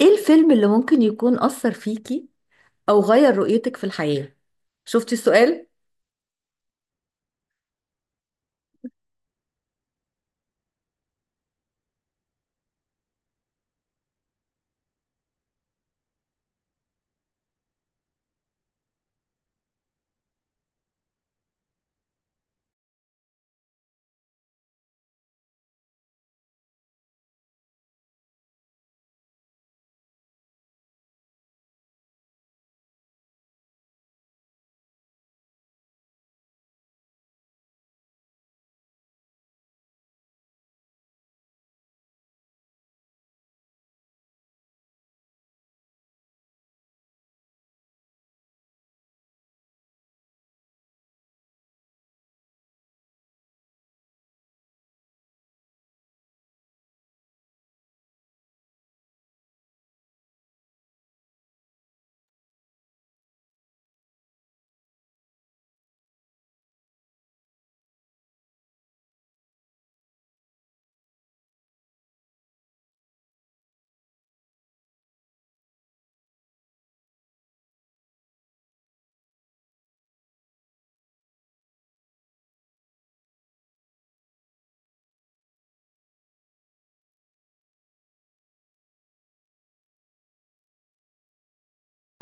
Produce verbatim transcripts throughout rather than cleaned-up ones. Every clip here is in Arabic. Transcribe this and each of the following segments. ايه الفيلم اللي ممكن يكون أثر فيكي أو غير رؤيتك في الحياة؟ شفتي السؤال؟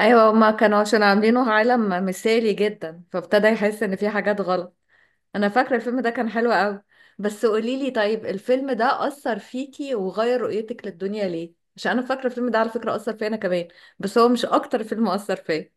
أيوة، هما كانوا عشان عاملينه عالم مثالي جدا فابتدى يحس إن في حاجات غلط. أنا فاكرة الفيلم ده كان حلو أوي، بس قوليلي طيب الفيلم ده أثر فيكي وغير رؤيتك للدنيا ليه؟ عشان أنا فاكرة الفيلم ده على فكرة أثر فيا أنا كمان، بس هو مش أكتر فيلم أثر فيا.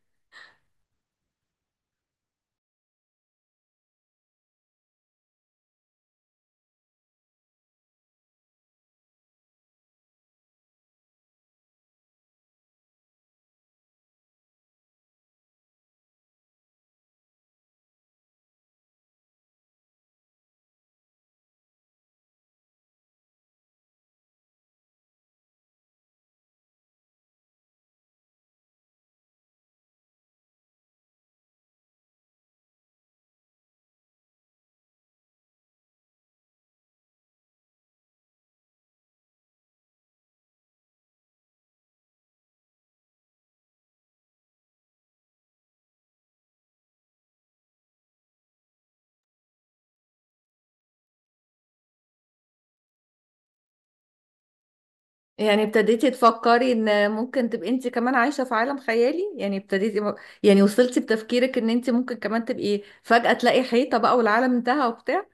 يعني ابتديتي تفكري ان ممكن تبقي انت كمان عايشة في عالم خيالي، يعني ابتديتي م- يعني وصلتي بتفكيرك ان انت ممكن كمان تبقي فجأة تلاقي حيطة بقى والعالم انتهى وبتاع،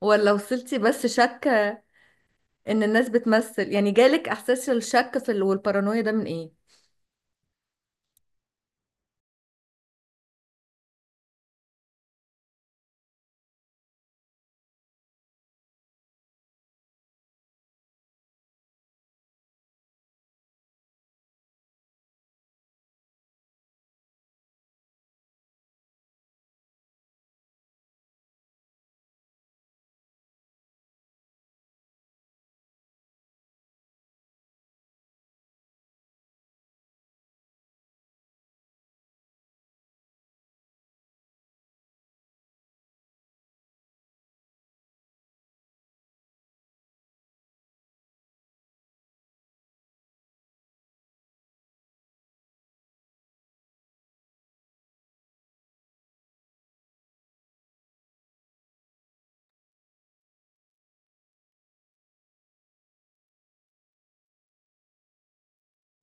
ولا وصلتي بس شك ان الناس بتمثل؟ يعني جالك احساس الشك في ال- والبارانويا ده من ايه؟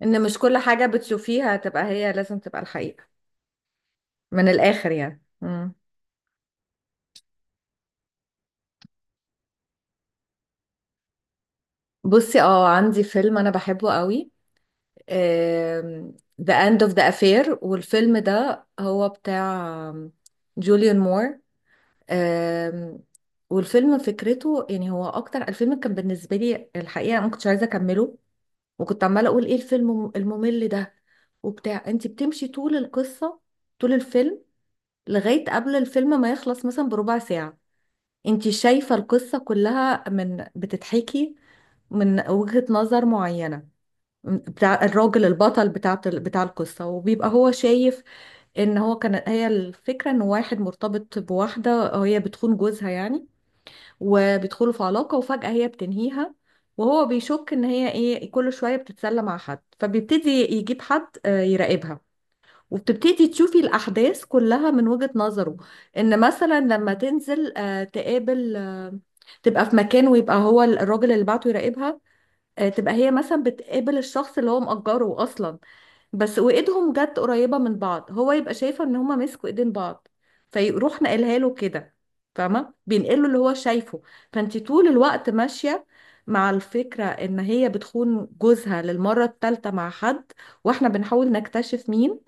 ان مش كل حاجة بتشوفيها تبقى هي لازم تبقى الحقيقة، من الاخر يعني. مم. بصي، اه، عندي فيلم انا بحبه قوي، ذا اند اوف ذا افير. والفيلم ده هو بتاع جوليان مور. آم، والفيلم فكرته، يعني هو اكتر الفيلم كان بالنسبه لي الحقيقه ما كنتش عايزه اكمله، وكنت عماله اقول ايه الفيلم الممل ده وبتاع. انت بتمشي طول القصه، طول الفيلم، لغايه قبل الفيلم ما يخلص مثلا بربع ساعه. انت شايفه القصه كلها من بتتحكي من وجهه نظر معينه، بتاع الراجل البطل بتاع بتاع القصة، وبيبقى هو شايف ان هو كان، هي الفكرة ان واحد مرتبط بواحدة وهي بتخون جوزها يعني، وبيدخلوا في علاقة وفجأة هي بتنهيها، وهو بيشك ان هي ايه كل شوية بتتسلى مع حد، فبيبتدي يجيب حد آه، يراقبها. وبتبتدي تشوفي الأحداث كلها من وجهة نظره. إن مثلا لما تنزل آه، تقابل آه، تبقى في مكان ويبقى هو الراجل اللي بعته يراقبها، آه، تبقى هي مثلا بتقابل الشخص اللي هو مأجره أصلا، بس وايدهم جت قريبة من بعض، هو يبقى شايفة ان هما مسكوا ايدين بعض، فيروح نقلها له كده. فاهمة؟ بينقله اللي هو شايفه. فانتي طول الوقت ماشية مع الفكرة ان هي بتخون جوزها للمرة الثالثة مع حد، واحنا بنحاول نكتشف مين،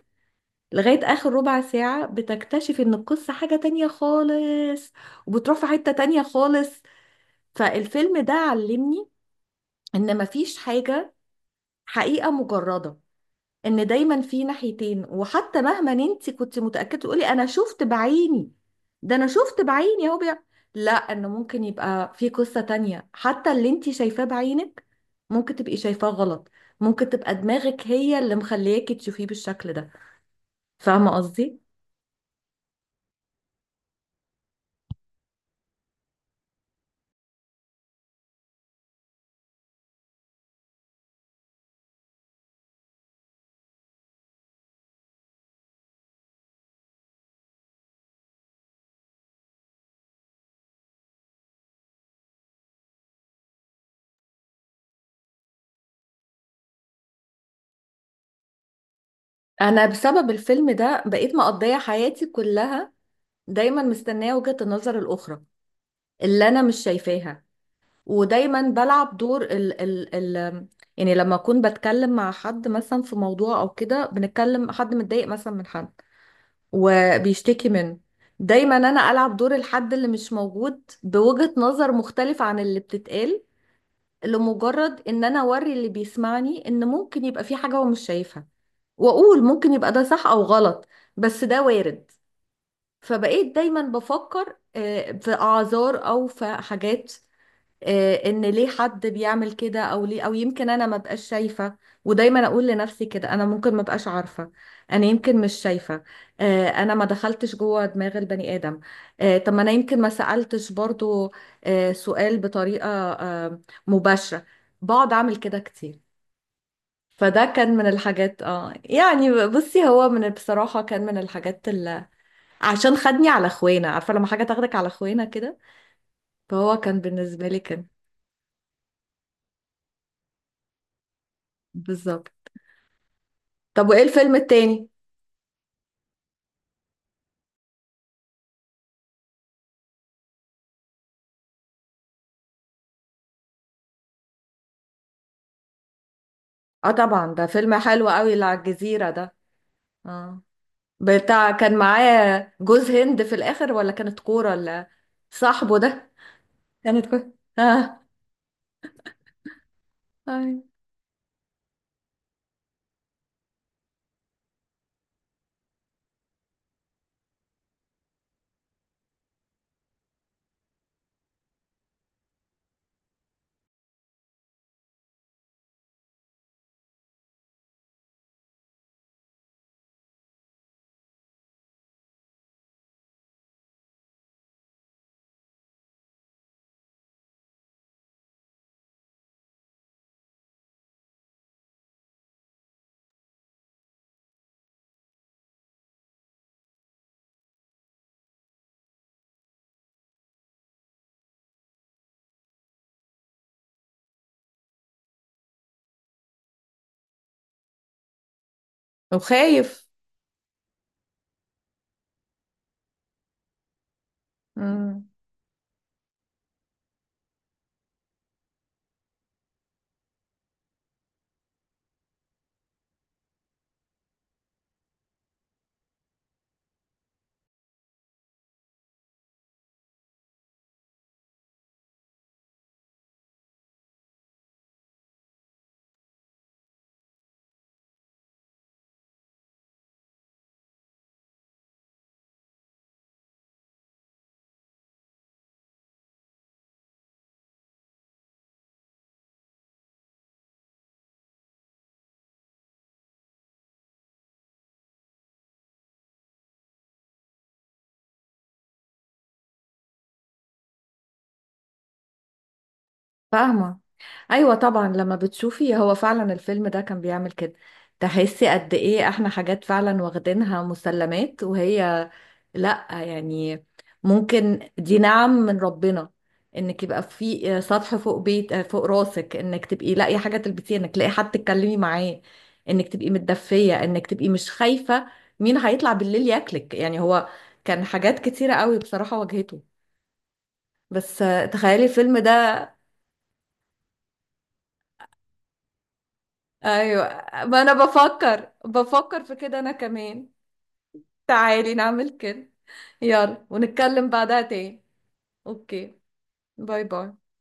لغاية اخر ربع ساعة بتكتشف ان القصة حاجة تانية خالص، وبتروح في حتة تانية خالص. فالفيلم ده علمني ان مفيش حاجة حقيقة مجردة، ان دايما في ناحيتين، وحتى مهما انت كنت متاكده تقولي انا شفت بعيني، ده انا شفت بعيني اهو بيع- لا، انه ممكن يبقى في قصه تانية. حتى اللي انت شايفاه بعينك ممكن تبقي شايفاه غلط، ممكن تبقى دماغك هي اللي مخلياكي تشوفيه بالشكل ده. فاهمه قصدي؟ انا بسبب الفيلم ده بقيت مقضيه حياتي كلها دايما مستنيه وجهه النظر الاخرى اللي انا مش شايفاها، ودايما بلعب دور ال ال ال يعني لما اكون بتكلم مع حد مثلا في موضوع، او كده بنتكلم حد متضايق مثلا من حد وبيشتكي منه، دايما انا العب دور الحد اللي مش موجود بوجهة نظر مختلفة عن اللي بتتقال، لمجرد ان انا اوري اللي بيسمعني ان ممكن يبقى في حاجة هو مش شايفها، واقول ممكن يبقى ده صح او غلط، بس ده وارد. فبقيت دايما بفكر آه، في اعذار او في حاجات، آه، ان ليه حد بيعمل كده او ليه، او يمكن انا ما بقاش شايفه. ودايما اقول لنفسي كده، انا ممكن ما بقاش عارفه، انا يمكن مش شايفه، آه، انا ما دخلتش جوه دماغ البني ادم، آه، طب ما انا يمكن ما سالتش برضو، آه، سؤال بطريقه آه، مباشره. بقعد اعمل كده كتير. فده كان من الحاجات، اه يعني بصي، هو من، بصراحه كان من الحاجات اللي عشان خدني على اخوانا. عارفه لما حاجه تاخدك على اخوانا كده؟ فهو كان بالنسبه لي كان بالظبط. طب وايه الفيلم التاني؟ اه طبعا، ده فيلم حلو قوي، اللي على الجزيرة ده. اه. بتاع كان معاه جوز هند في الاخر ولا كانت كورة، ولا صاحبه ده؟ كانت كورة. اه. ايوه. وخايف. امم. فاهمة. ايوه طبعا، لما بتشوفي هو فعلا الفيلم ده كان بيعمل كده، تحسي قد ايه احنا حاجات فعلا واخدينها مسلمات، وهي لا يعني، ممكن دي نعم من ربنا، انك يبقى في آه، سطح فوق بيت آه، فوق راسك، انك تبقي لاقي حاجه تلبسيها، انك تلاقي حد تتكلمي معاه، انك تبقي متدفيه، انك تبقي مش خايفه مين هيطلع بالليل ياكلك. يعني هو كان حاجات كتيره قوي بصراحه واجهته. بس آه، تخيلي الفيلم ده. ايوه، ما انا بفكر بفكر في كده انا كمان. تعالي نعمل كده، يلا ونتكلم بعدها تاني. اوكي. باي باي.